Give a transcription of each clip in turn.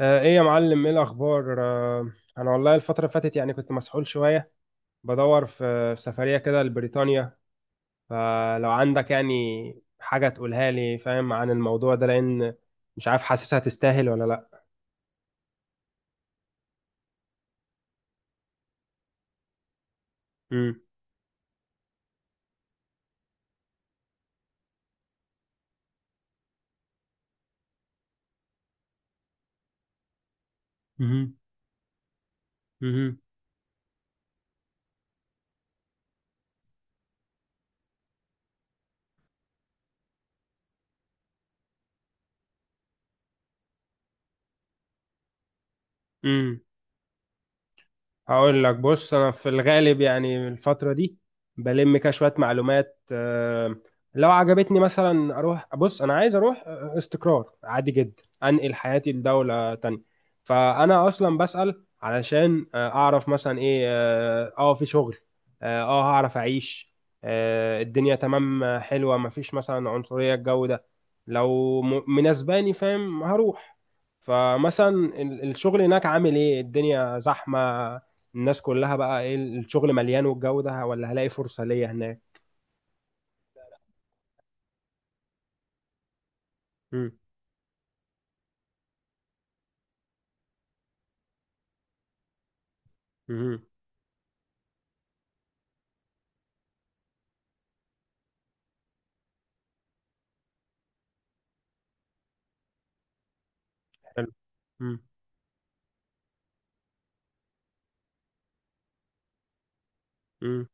ايه يا معلم، ايه الاخبار؟ انا والله الفتره اللي فاتت يعني كنت مسحول شويه بدور في سفريه كده لبريطانيا. فلو عندك يعني حاجه تقولها لي، فاهم؟ عن الموضوع ده، لان مش عارف حاسسها تستاهل ولا لا. امم امم هقول لك، بص انا في الغالب يعني الفتره دي بلم كده شويه معلومات. لو عجبتني مثلا اروح. بص انا عايز اروح استقرار، عادي جدا انقل حياتي لدوله تانية. فانا اصلا بسأل علشان اعرف مثلا ايه في شغل، هعرف اعيش، الدنيا تمام، حلوه، مفيش مثلا عنصريه، الجو ده. لو مناسباني، فاهم؟ هروح. فمثلا الشغل هناك عامل ايه؟ الدنيا زحمه. الناس كلها بقى ايه؟ الشغل مليان والجو ده، ولا هلاقي فرصة ليا هناك؟ مم. مم. حلو. مم. مم.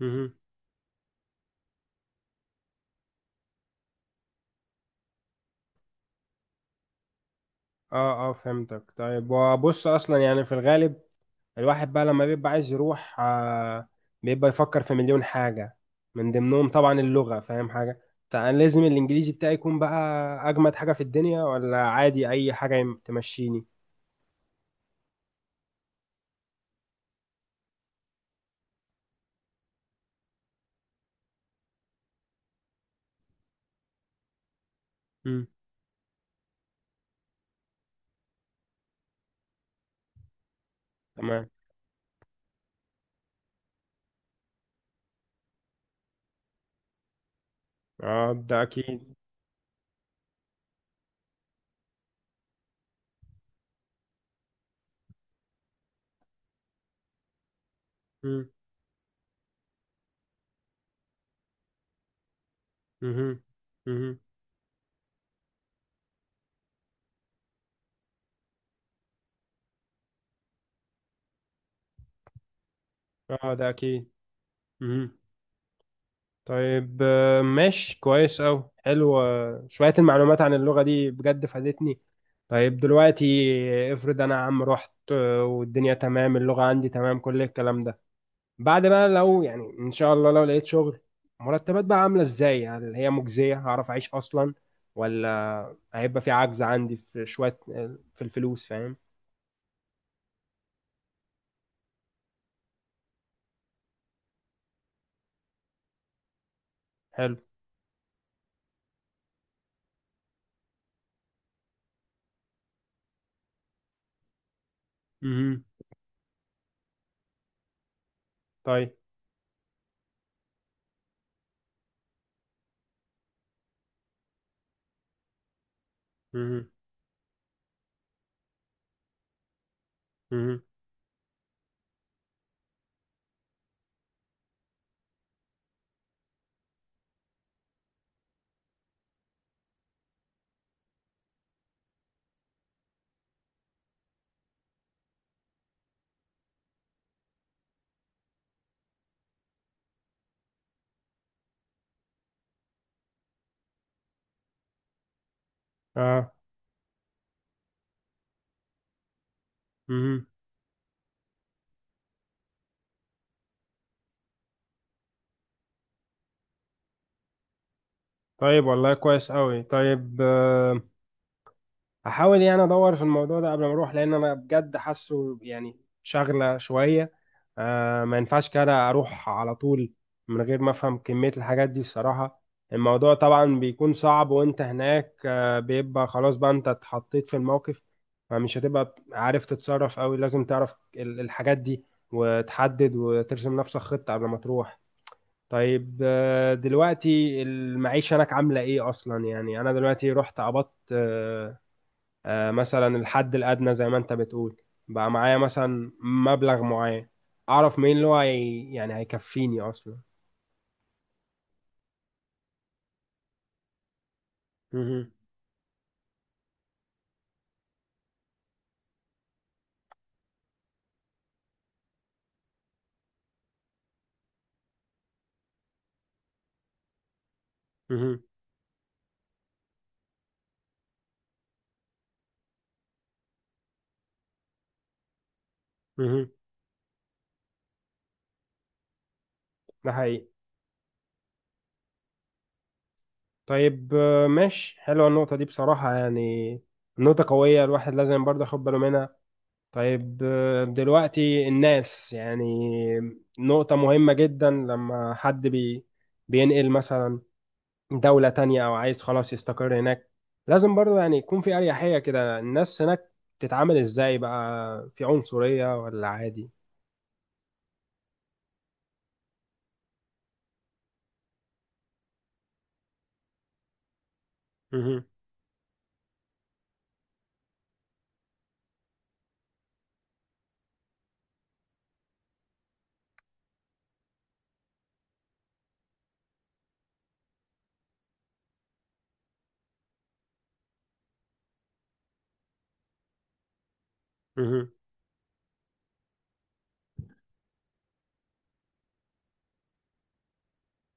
مم. اه، اه، فهمتك. طيب، وبص اصلا يعني في الغالب الواحد بقى لما بيبقى عايز يروح بيبقى يفكر في مليون حاجة، من ضمنهم طبعا اللغة. فاهم حاجة؟ فأنا لازم الإنجليزي بتاعي يكون بقى أجمد حاجة في الدنيا، ولا عادي أي حاجة تمشيني؟ مم. تمام. اه، ده أكيد. مم. مم. مم. اه، ده أكيد. مم. طيب، ماشي كويس أوي. حلو، شوية المعلومات عن اللغة دي بجد فادتني. طيب دلوقتي، افرض أنا يا عم رحت والدنيا تمام، اللغة عندي تمام، كل الكلام ده. بعد بقى، لو يعني إن شاء الله لو لقيت شغل، مرتبات بقى عاملة إزاي؟ هل هي مجزية؟ هعرف أعيش أصلا؟ ولا هيبقى في عجز عندي في شوية في الفلوس، فاهم؟ حلو. امم. طيب. امم. امم. اه. امم. طيب، والله كويس أوي. طيب، هحاول يعني ادور في الموضوع ده قبل ما اروح، لان انا بجد حاسه يعني شاغله شويه. ما ينفعش كده اروح على طول من غير ما افهم كميه الحاجات دي الصراحه. الموضوع طبعا بيكون صعب وانت هناك، بيبقى خلاص بقى انت اتحطيت في الموقف. فمش هتبقى عارف تتصرف قوي، لازم تعرف الحاجات دي وتحدد وترسم نفسك خطه قبل ما تروح. طيب، دلوقتي المعيشة هناك عاملة ايه اصلا؟ يعني انا دلوقتي رحت قبضت، مثلا الحد الأدنى زي ما أنت بتقول، بقى معايا مثلا مبلغ معين. أعرف مين اللي هو يعني هيكفيني أصلا؟ مهم. مهم. مهم. ده حقيقي. طيب، ماشي. حلوة النقطة دي بصراحة، يعني نقطة قوية، الواحد لازم برضه ياخد باله منها. طيب، دلوقتي الناس يعني نقطة مهمة جدا لما حد بينقل مثلا دولة تانية أو عايز خلاص يستقر هناك، لازم برضو يعني يكون في أريحية كده. الناس هناك تتعامل إزاي؟ بقى في عنصرية ولا عادي؟ مهم. مهم.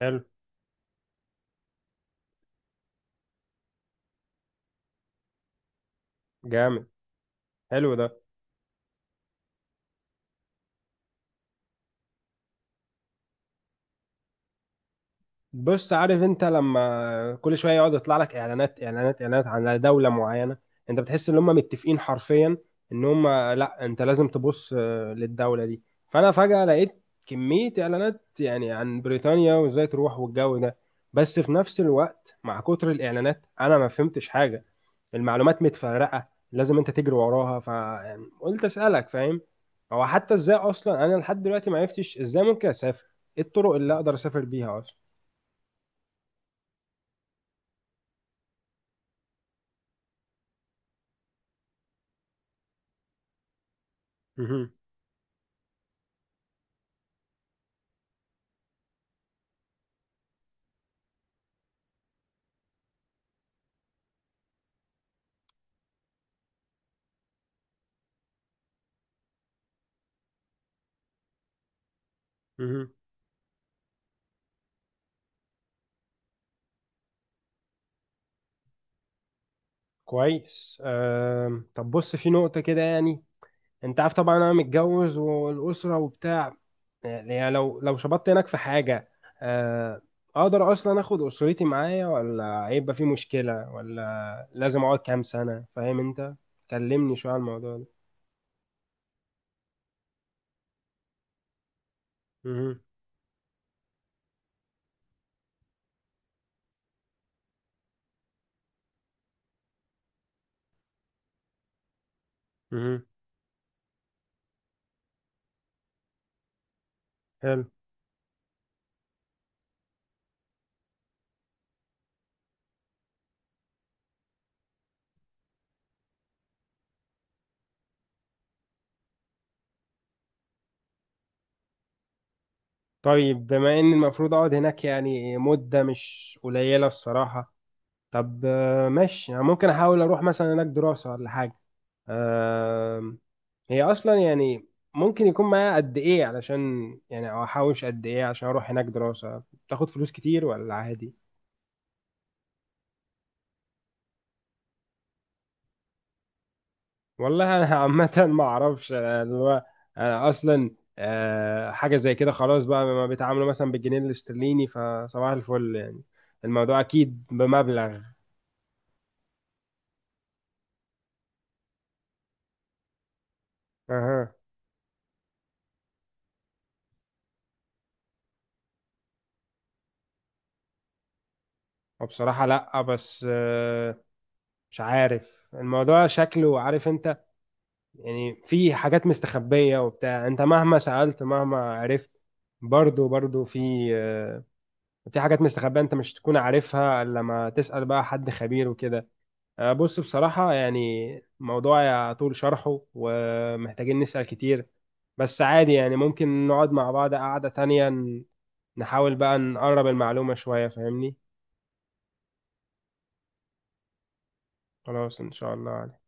حلو. جامد، حلو ده. بص، عارف انت لما كل شويه يقعد يطلع لك اعلانات، اعلانات، اعلانات على دوله معينه، انت بتحس ان هم متفقين حرفيا، ان هم لا، انت لازم تبص للدوله دي. فانا فجاه لقيت كميه اعلانات يعني عن بريطانيا وازاي تروح والجو ده. بس في نفس الوقت مع كتر الاعلانات انا ما فهمتش حاجه، المعلومات متفرقه، لازم انت تجري وراها، فقلت اسالك، فاهم؟ هو حتى ازاي اصلا؟ انا لحد دلوقتي ما عرفتش ازاي ممكن اسافر، ايه الطرق اللي اقدر اسافر بيها اصلا؟ مهم. كويس. طب بص، في نقطة كده يعني، انت عارف طبعا انا متجوز والأسرة وبتاع. يعني لو شبطت هناك في حاجة، أه... اقدر اصلا اخد أسرتي معايا ولا هيبقى في مشكلة، ولا لازم اقعد كام سنة؟ فاهم انت؟ كلمني شوية على الموضوع ده. مهم. مهم. حلو. طيب، بما ان المفروض اقعد هناك يعني مدة مش قليلة الصراحة، طب ماشي. يعني ممكن احاول اروح مثلا هناك دراسة ولا حاجة. آم، هي اصلا يعني ممكن يكون معايا قد ايه علشان يعني، او احوش قد ايه عشان اروح هناك؟ دراسة بتاخد فلوس كتير ولا عادي؟ والله انا عامة ما اعرفش، أنا اللي هو، أنا اصلا حاجة زي كده خلاص بقى، ما بيتعاملوا مثلا بالجنيه الاسترليني، فصباح الفل يعني. الموضوع اكيد بمبلغ. اها. وبصراحة لا، بس مش عارف الموضوع شكله، عارف انت؟ يعني في حاجات مستخبية وبتاع. انت مهما سألت مهما عرفت برضو، برضو في حاجات مستخبية، انت مش تكون عارفها الا لما تسأل بقى حد خبير وكده. بص بصراحة يعني موضوع يطول شرحه ومحتاجين نسأل كتير. بس عادي، يعني ممكن نقعد مع بعض قعدة تانية نحاول بقى نقرب المعلومة شوية، فاهمني؟ خلاص، ان شاء الله.